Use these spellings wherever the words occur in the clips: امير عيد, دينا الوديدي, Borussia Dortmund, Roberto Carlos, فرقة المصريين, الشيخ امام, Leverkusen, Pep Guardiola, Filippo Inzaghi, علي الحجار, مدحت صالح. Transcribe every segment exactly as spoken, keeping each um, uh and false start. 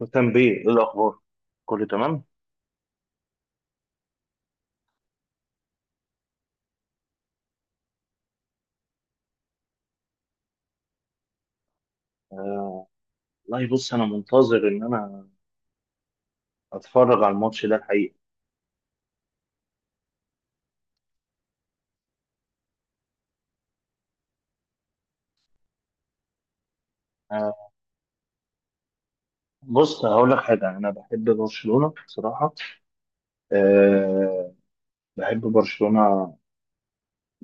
مهتم بيه ايه الاخبار؟ كله تمام. آه، والله، بص، انا منتظر ان انا اتفرج على الماتش ده الحقيقه. آه، بص، هقول لك حاجه، انا بحب برشلونه بصراحه. آه، بحب برشلونه.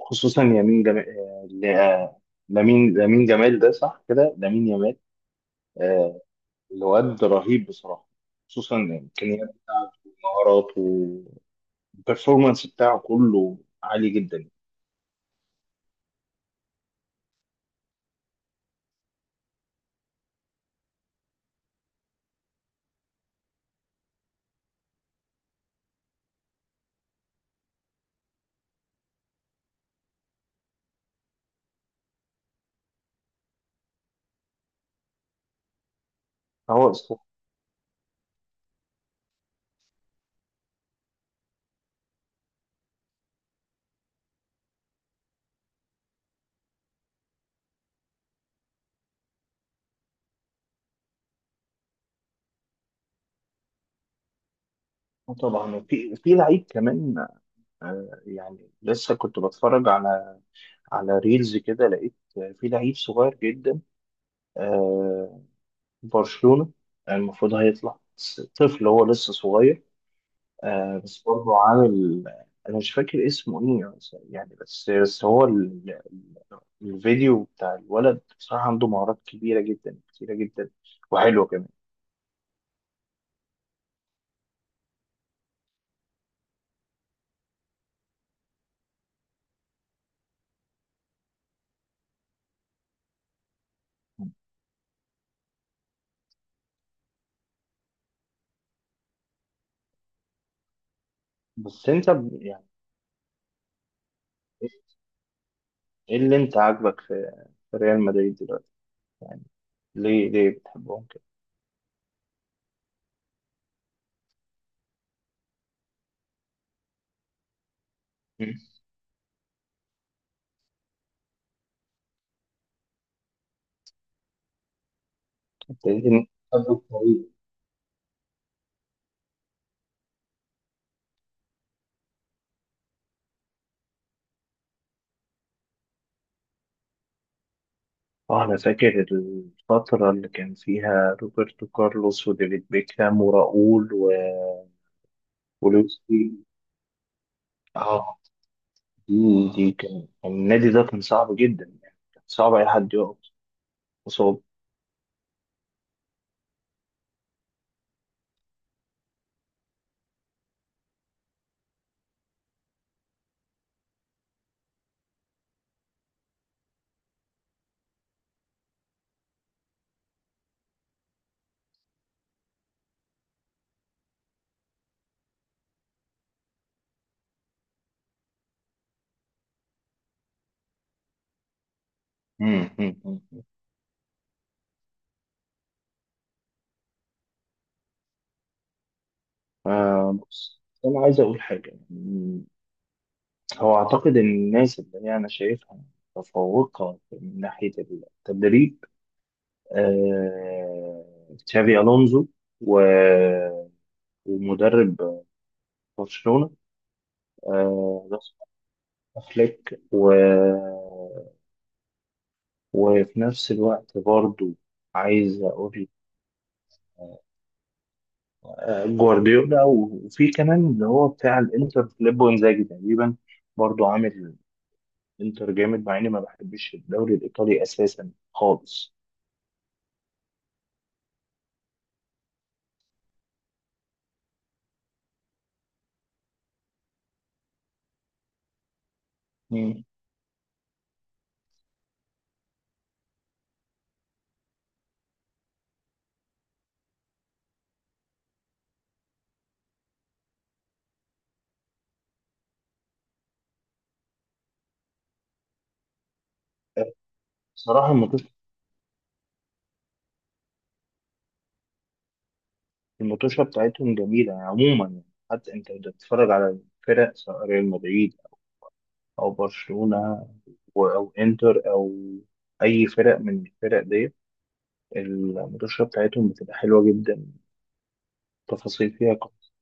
خصوصا يمين جمال، آه ل- آه، لامين لامين جمال، ده صح كده، لامين يامال. آه، الواد رهيب بصراحه، خصوصا الامكانيات بتاعته ومهاراته، والبرفورمانس بتاعه كله عالي جدا. هو اسطوره. طبعا. وفي في لعيب كمان، آه، يعني لسه كنت بتفرج على على ريلز كده، لقيت في لعيب صغير جدا، آه، برشلونة، المفروض هيطلع، بس طفل، هو لسه صغير. آه، بس برضه عامل. انا مش فاكر اسمه ايه يعني. بس بس هو ال- ال- الفيديو بتاع الولد بصراحة، عنده مهارات كبيرة جدا، كتيرة جدا، وحلوة كمان. بس انت ب- يعني، ايه اللي انت عاجبك في في ريال مدريد دلوقتي؟ يعني ليه ليه بتحبهم كده؟ ابتديت إن- اه، انا فاكر الفترة اللي كان فيها روبرتو كارلوس وديفيد بيكهام وراؤول و... ولويس فيجو. اه، دي دي كان كان النادي ده كان صعب جدا، يعني كان صعب اي حد يقف قصاد. مم، مم، مم. آه، بص، انا عايز اقول حاجة يعني، هو اعتقد ان الناس اللي هي انا شايفها متفوقة من ناحية التدريب، آه، تشافي، الونزو، و... ومدرب برشلونة، آه، بس فليك، و... وفي نفس الوقت برضو عايز أقول، آه، جوارديولا. وفي كمان اللي هو بتاع الإنتر، فيليبو إنزاجي تقريبا، برضو عامل إنتر جامد، مع إني ما بحبش الدوري الإيطالي أساسا خالص. مم. آه، بصراحة، المطوشة المطوشة بتاعتهم جميلة يعني، عموما يعني حتى أنت لو بتتفرج على الفرق، سواء ريال مدريد أو برشلونة أو أو إنتر، أو أي فرق من الفرق ديت، المدوشة بتاعتهم بتبقى حلوة جدا، تفاصيل فيها كت-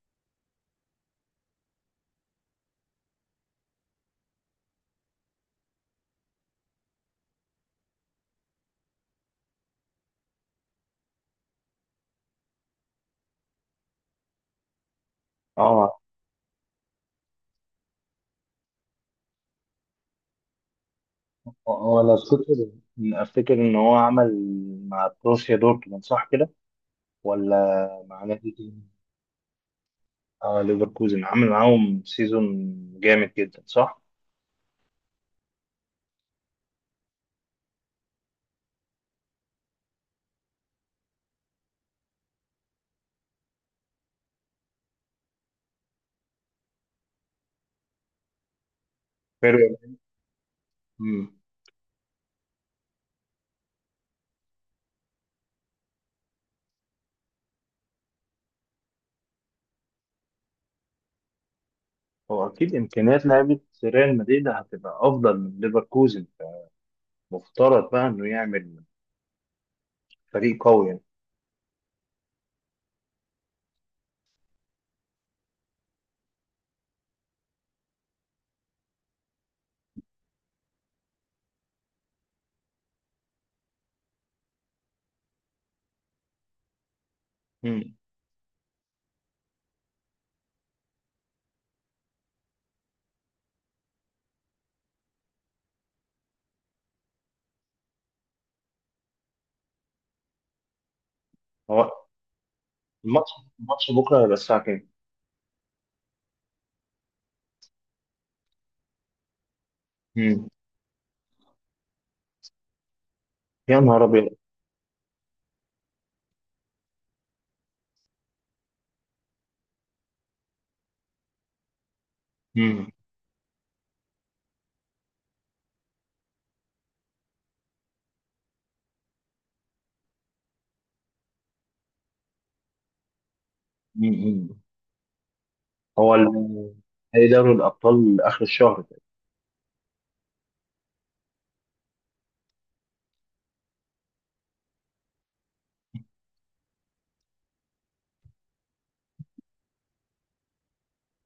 اه. هو لو تفتكر، افتكر ان هو عمل مع بروسيا دورتموند، صح كده؟ ولا مع نادي تاني؟ اه، ليفركوزن، عمل معاهم سيزون جامد جدا، صح. حلو. امم. هو اكيد امكانيات لعيبه ريال مدريد هتبقى افضل من ليفركوزن، فمفترض بقى انه يعمل فريق قوي يعني. امم هو الماتش الماتش بكره هيبقى الساعه كام؟ امم يا نهار ابيض. امم امم هو ال- نهائي دوري الأبطال آخر الشهر ده.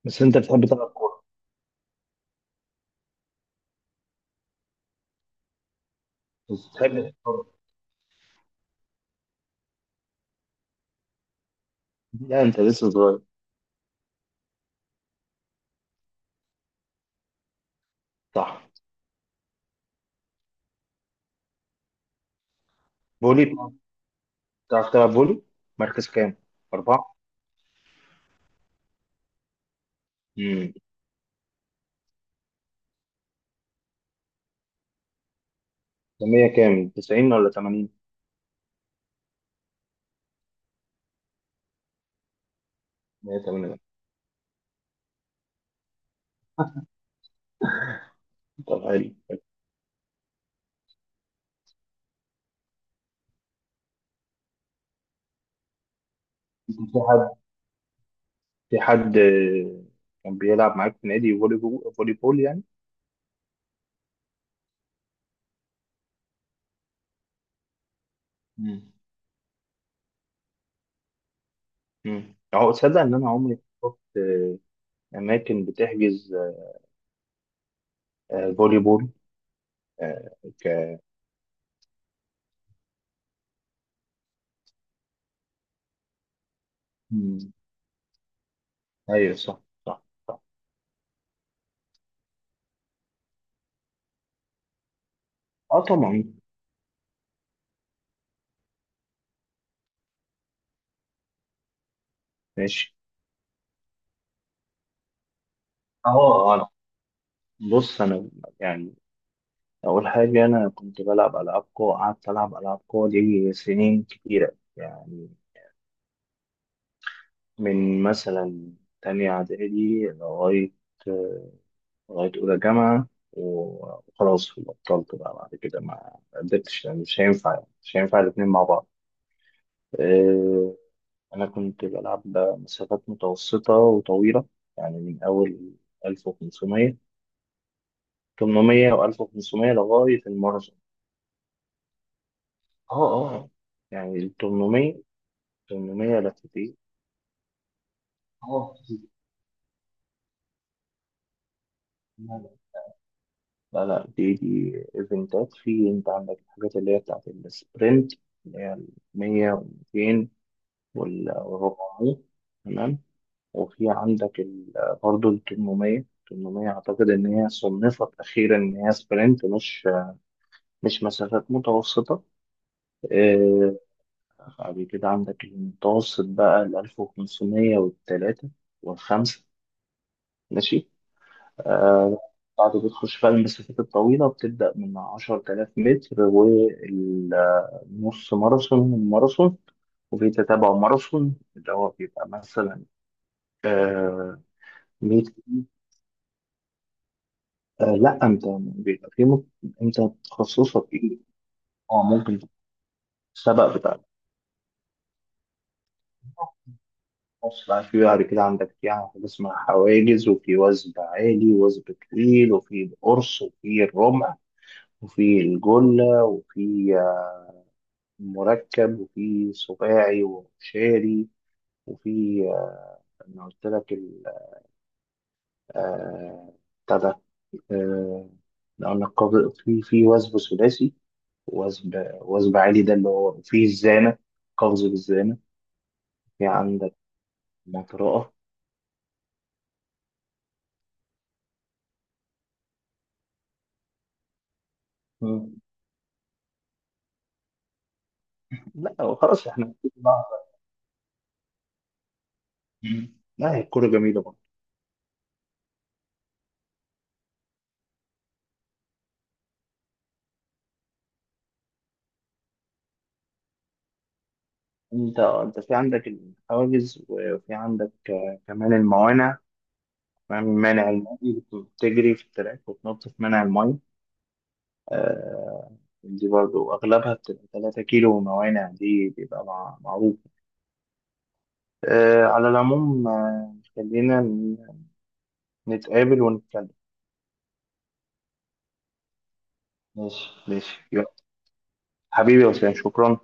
بس أنت بتحب تلعب كورة؟ بس بتحب تتفرج؟ لا، أنت لسه صغير. صح. فولي. بتعرف بتعرف تلعب فولي؟ مركز كام؟ أربعة؟ امم مية كام؟ تسعين ولا تمانين؟ مية وتمانين. طب، حلو حلو. في حد في حد آه، كان بيلعب معاك في نادي فولي بو- فولي بول يعني؟ امم امم أهو. تصدق إن أنا عمري ما شفت آه، أماكن بتحجز آه، فولي بول آه، ك مم. أيوه، صح، صح. اه طبعا. ماشي. اه، انا بص انا يعني اول حاجه انا كنت بلعب العاب قوى، قعدت العب العاب قوى دي سنين كتيره يعني، من مثلا تانية اعدادي لغايه لغايه اولى جامعه، وخلاص بطلت بقى بعد كده، ما قدرتش، لأن مش هينفع يعني، مش هينفع الاتنين مع بعض. آه، انا كنت بلعب مسافات متوسطه وطويله يعني، من اول ألف وخمسمية، تمنمية و ألف وخمسمية لغاية الماراثون. اه. اه. يعني ال تمنمية، تمنمية لفت ايه؟ اه، لا، لا. لا، لا، دي دي ايفنتات. في انت عندك الحاجات اللي هي بتاعت السبرنت، اللي هي ال مية و ميتين وال أربعمية، تمام. وفي عندك ال- برضه ال تمنمية، تمنمية اعتقد ان هي صنفت اخيرا ان هي سبرنت، مش مش مسافات متوسطه. آه، بعد كده عندك المتوسط بقى، ال ألف وخمسمية والثلاثه والخمسه، ماشي. آه، بعد بتخش بقى المسافات الطويلة، بتبدأ من عشرتلاف متر، والنص ماراثون والماراثون، وفي تتابع ماراثون اللي هو بيبقى مثلا آه مية. آه لا، انت بيبقى في مت... انت تخصصك ايه؟ اه ممكن. السبق بتاع النص بقى، في بعد كده عندك يعني، في حاجة اسمها حواجز، وفي وثب عالي، وثب طويل، وفي القرص، وفي الرمح، وفي الجلة، وفي آه، مركب، وفي سباعي، وشاري، وفي آه، انا قلت لك ال- آه، بتاع ده، آه، قلنا القبض، في في وثب ثلاثي، وثب وثب عالي ده اللي هو، وفي الزانة، قفز بالزانة. في عندك مطرقة. مم. لا، خلاص احنا بقى- مم. لا، هي الكورة جميلة برضه. انت انت في عندك الحواجز، وفي عندك آه، كمان الموانع، كمان مانع الماء، بتجري في التراك وتنط في مانع الماء. آه، دي برضو أغلبها بتبقى تلاتة كيلو موانع، دي بيبقى مع- معروف. آه، على العموم، آه، خلينا ن- نتقابل ونتكلم. ماشي، ماشي، يلا. حبيبي يا وسام، شكرا.